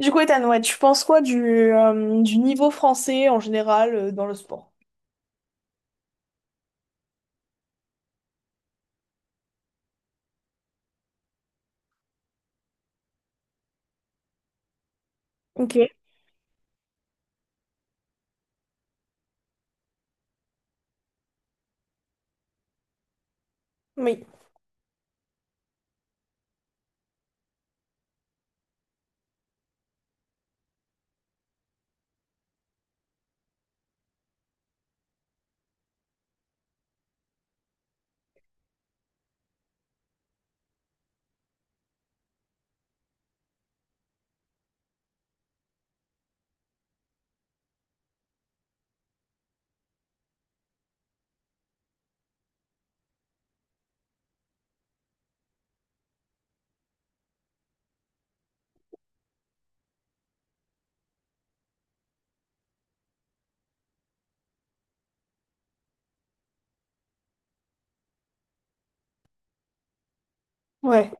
Du coup, Ethan, ouais, tu penses quoi du niveau français en général dans le sport? Ok. Oui, ouais.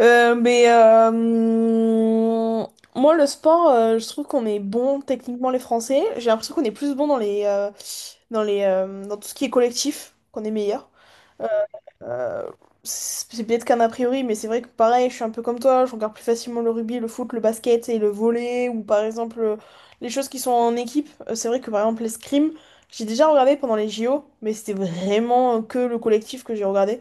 Euh, mais euh, hum, Moi, le sport, je trouve qu'on est bon techniquement les Français. J'ai l'impression qu'on est plus bon dans dans tout ce qui est collectif, qu'on est meilleur. Euh, Euh, c'est bête qu'un a priori, mais c'est vrai que pareil, je suis un peu comme toi, je regarde plus facilement le rugby, le foot, le basket et le volley, ou par exemple les choses qui sont en équipe. C'est vrai que par exemple l'escrime, j'ai déjà regardé pendant les JO, mais c'était vraiment que le collectif que j'ai regardé.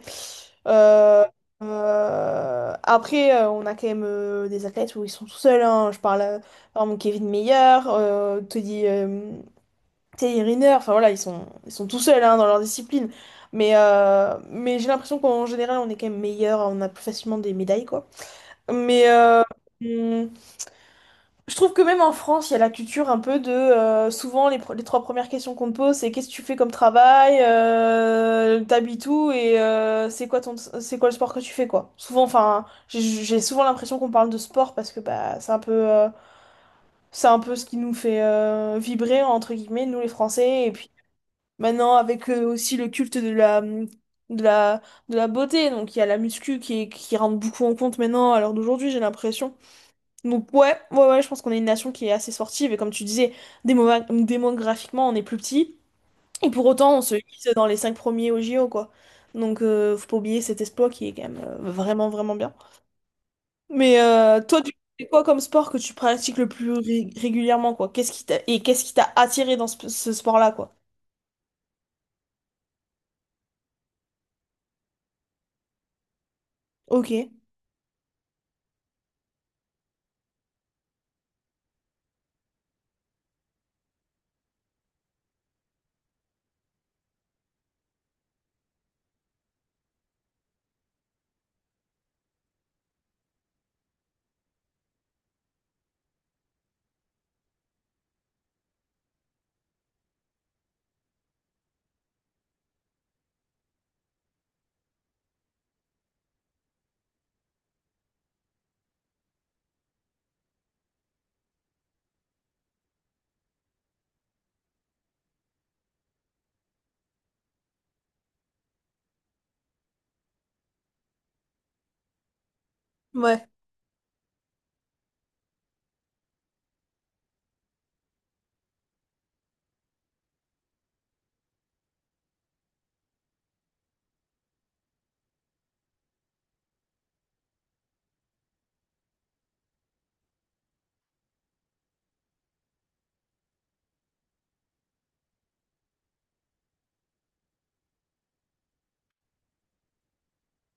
Euh, Après, on a quand même des athlètes où ils sont tout seuls, hein. Je parle par exemple Kevin Meyer, Teddy, Thierry Riner, enfin voilà, ils sont tout seuls hein, dans leur discipline. Mais j'ai l'impression qu'en général, on est quand même meilleur, on a plus facilement des médailles, quoi. Mais euh, hum, je trouve que même en France, il y a la culture un peu de. Souvent, les trois premières questions qu'on te pose, c'est qu'est-ce que tu fais comme travail, t'habites où et c'est quoi c'est quoi le sport que tu fais, quoi. Souvent, enfin, j'ai souvent l'impression qu'on parle de sport parce que bah, c'est un peu, c'est un peu ce qui nous fait vibrer, entre guillemets, nous les Français. Et puis, maintenant, avec aussi le culte de la, mmh, de la, de la beauté, donc il y a la muscu qui rentre beaucoup en compte maintenant à l'heure d'aujourd'hui, j'ai l'impression. Donc ouais, ouais, ouais, je pense qu'on est une nation qui est assez sportive, et comme tu disais, démographiquement, on est plus petit, et pour autant, on se hisse dans les cinq premiers au JO, quoi. Donc faut pas oublier cet exploit qui est quand même vraiment, vraiment bien. Mais toi, tu fais quoi comme sport que tu pratiques le plus régulièrement, quoi? Qu'est-ce qui t'a, et qu'est-ce qui t'a attiré dans ce sport-là, quoi? Ok, ouais,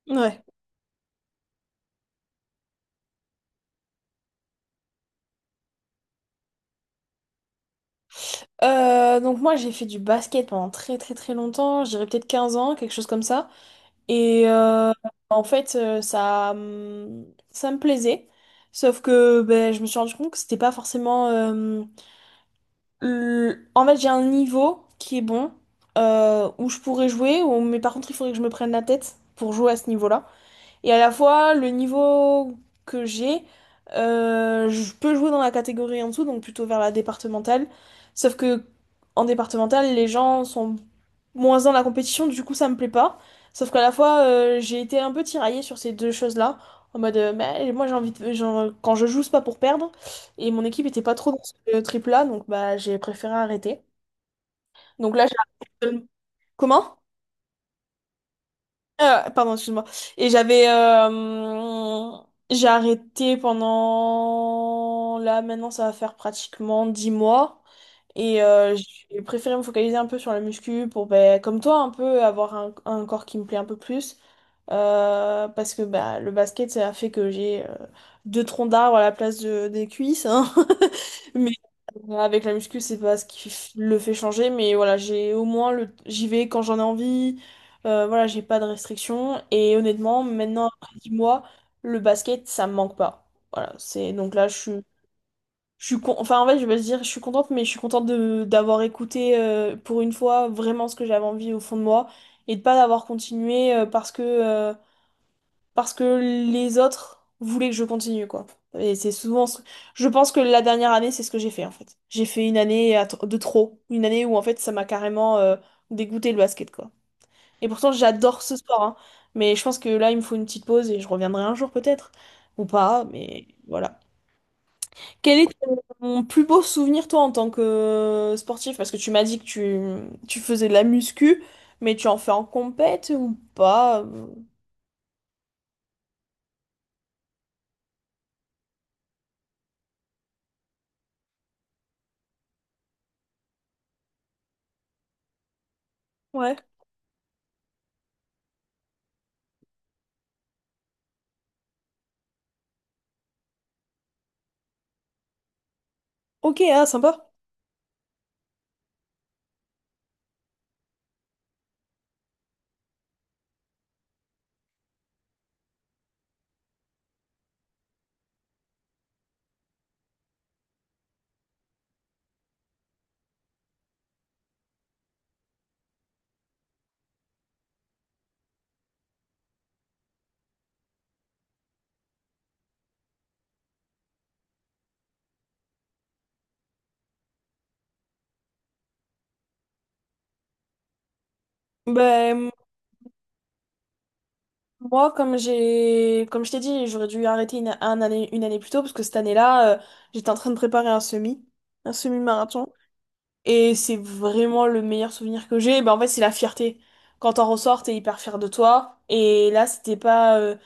ouais. Donc moi j'ai fait du basket pendant très très très longtemps, je dirais peut-être 15 ans, quelque chose comme ça. Et euh, en fait euh, ça, hum, Ça me plaisait. Sauf que ben, je me suis rendu compte que c'était pas forcément. En fait j'ai un niveau qui est bon, où je pourrais jouer, mais par contre il faudrait que je me prenne la tête pour jouer à ce niveau-là. Et à la fois, le niveau que j'ai, je peux jouer dans la catégorie en dessous, donc plutôt vers la départementale. Sauf que en départementale, les gens sont moins dans la compétition, du coup ça me plaît pas. Sauf qu'à la fois, j'ai été un peu tiraillée sur ces deux choses-là. En mode, mais moi j'ai envie de. Quand je joue, c'est pas pour perdre. Et mon équipe était pas trop dans ce trip-là, donc bah j'ai préféré arrêter. Donc là, j'ai. Comment? Pardon, excuse-moi. Et j'avais. J'ai arrêté pendant... Là, maintenant, ça va faire pratiquement 10 mois. Et j'ai préféré me focaliser un peu sur la muscu pour, ben, comme toi, un peu avoir un corps qui me plaît un peu plus. Parce que bah, le basket, ça a fait que j'ai deux troncs d'arbre à la place des cuisses, hein. Mais avec la muscu, c'est pas ce qui le fait changer. Mais voilà, j'ai au moins j'y vais quand j'en ai envie. Voilà, j'ai pas de restrictions. Et honnêtement, maintenant, après 10 mois, le basket, ça me manque pas. Voilà, c'est donc là, je suis. Enfin, en fait, je vais dire, je suis contente, mais je suis contente de d'avoir écouté pour une fois vraiment ce que j'avais envie au fond de moi et de pas d'avoir continué parce que les autres voulaient que je continue, quoi. Et c'est souvent. Je pense que la dernière année, c'est ce que j'ai fait, en fait. J'ai fait une année de trop. Une année où, en fait, ça m'a carrément dégoûté le basket, quoi. Et pourtant, j'adore ce sport, hein. Mais je pense que là, il me faut une petite pause et je reviendrai un jour, peut-être. Ou pas, mais voilà. Quel est ton plus beau souvenir, toi, en tant que sportif? Parce que tu m'as dit que tu faisais de la muscu, mais tu en fais en compète ou pas? Ouais. Ok, ah, sympa. Ben, moi, comme je t'ai dit, j'aurais dû arrêter un année, une année plus tôt parce que cette année-là, j'étais en train de préparer un semi, un semi-marathon. Et c'est vraiment le meilleur souvenir que j'ai. Ben, en fait, c'est la fierté. Quand t'en ressors, t'es hyper fier de toi. Et là, c'était pas,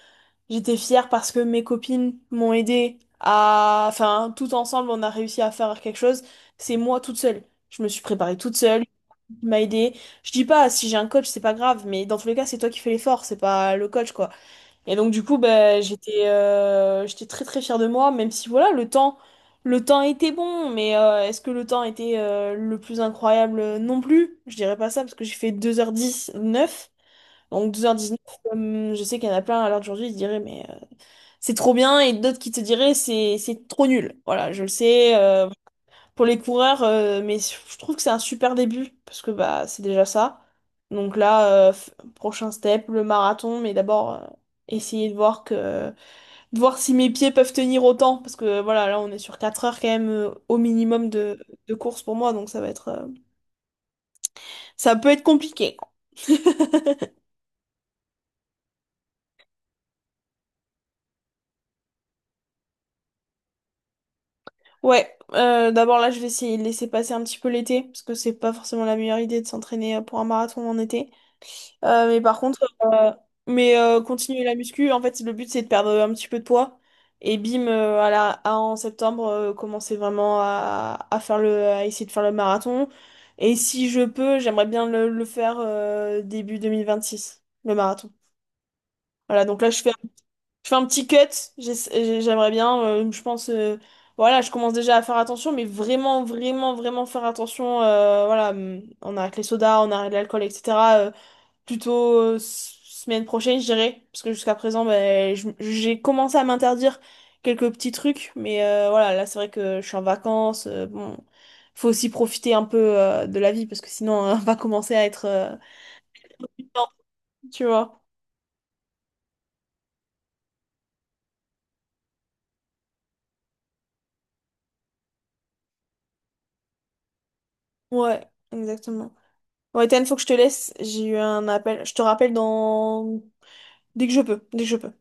j'étais fière parce que mes copines m'ont aidé à, enfin, tout ensemble, on a réussi à faire quelque chose. C'est moi toute seule. Je me suis préparée toute seule, il m'a aidée. Je dis pas, si j'ai un coach, c'est pas grave, mais dans tous les cas, c'est toi qui fais l'effort, c'est pas le coach, quoi. Et donc du coup, bah, j'étais très très fière de moi, même si voilà, le temps était bon, mais est-ce que le temps était le plus incroyable? Non plus. Je dirais pas ça parce que j'ai fait deux heures dix neuf. Donc 2h19, comme je sais qu'il y en a plein à l'heure d'aujourd'hui, ils se diraient mais c'est trop bien et d'autres qui te diraient c'est trop nul. Voilà, je le sais pour les coureurs, mais je trouve que c'est un super début parce que bah c'est déjà ça. Donc là, prochain step, le marathon, mais d'abord essayer de voir que de voir si mes pieds peuvent tenir autant, parce que voilà, là on est sur 4 heures quand même au minimum de course pour moi, donc ça va être, ça peut être compliqué. Ouais, d'abord là je vais essayer de laisser passer un petit peu l'été, parce que c'est pas forcément la meilleure idée de s'entraîner pour un marathon en été. Mais par contre, euh, continuer la muscu, en fait, le but c'est de perdre un petit peu de poids. Et bim, en septembre, commencer vraiment à faire à essayer de faire le marathon. Et si je peux, j'aimerais bien le faire début 2026, le marathon. Voilà, donc là, je fais un petit cut. J'aimerais bien, voilà, je commence déjà à faire attention, mais vraiment, vraiment, vraiment faire attention. Voilà, on arrête les sodas, on arrête l'alcool, etc, plutôt semaine prochaine, je dirais. Parce que jusqu'à présent, ben, j'ai commencé à m'interdire quelques petits trucs. Mais voilà, là, c'est vrai que je suis en vacances. Bon, faut aussi profiter un peu de la vie parce que sinon, on va commencer à être tu vois. Ouais, exactement. Ouais, Ethan, faut que je te laisse. J'ai eu un appel. Je te rappelle dans... dès que je peux. Dès que je peux.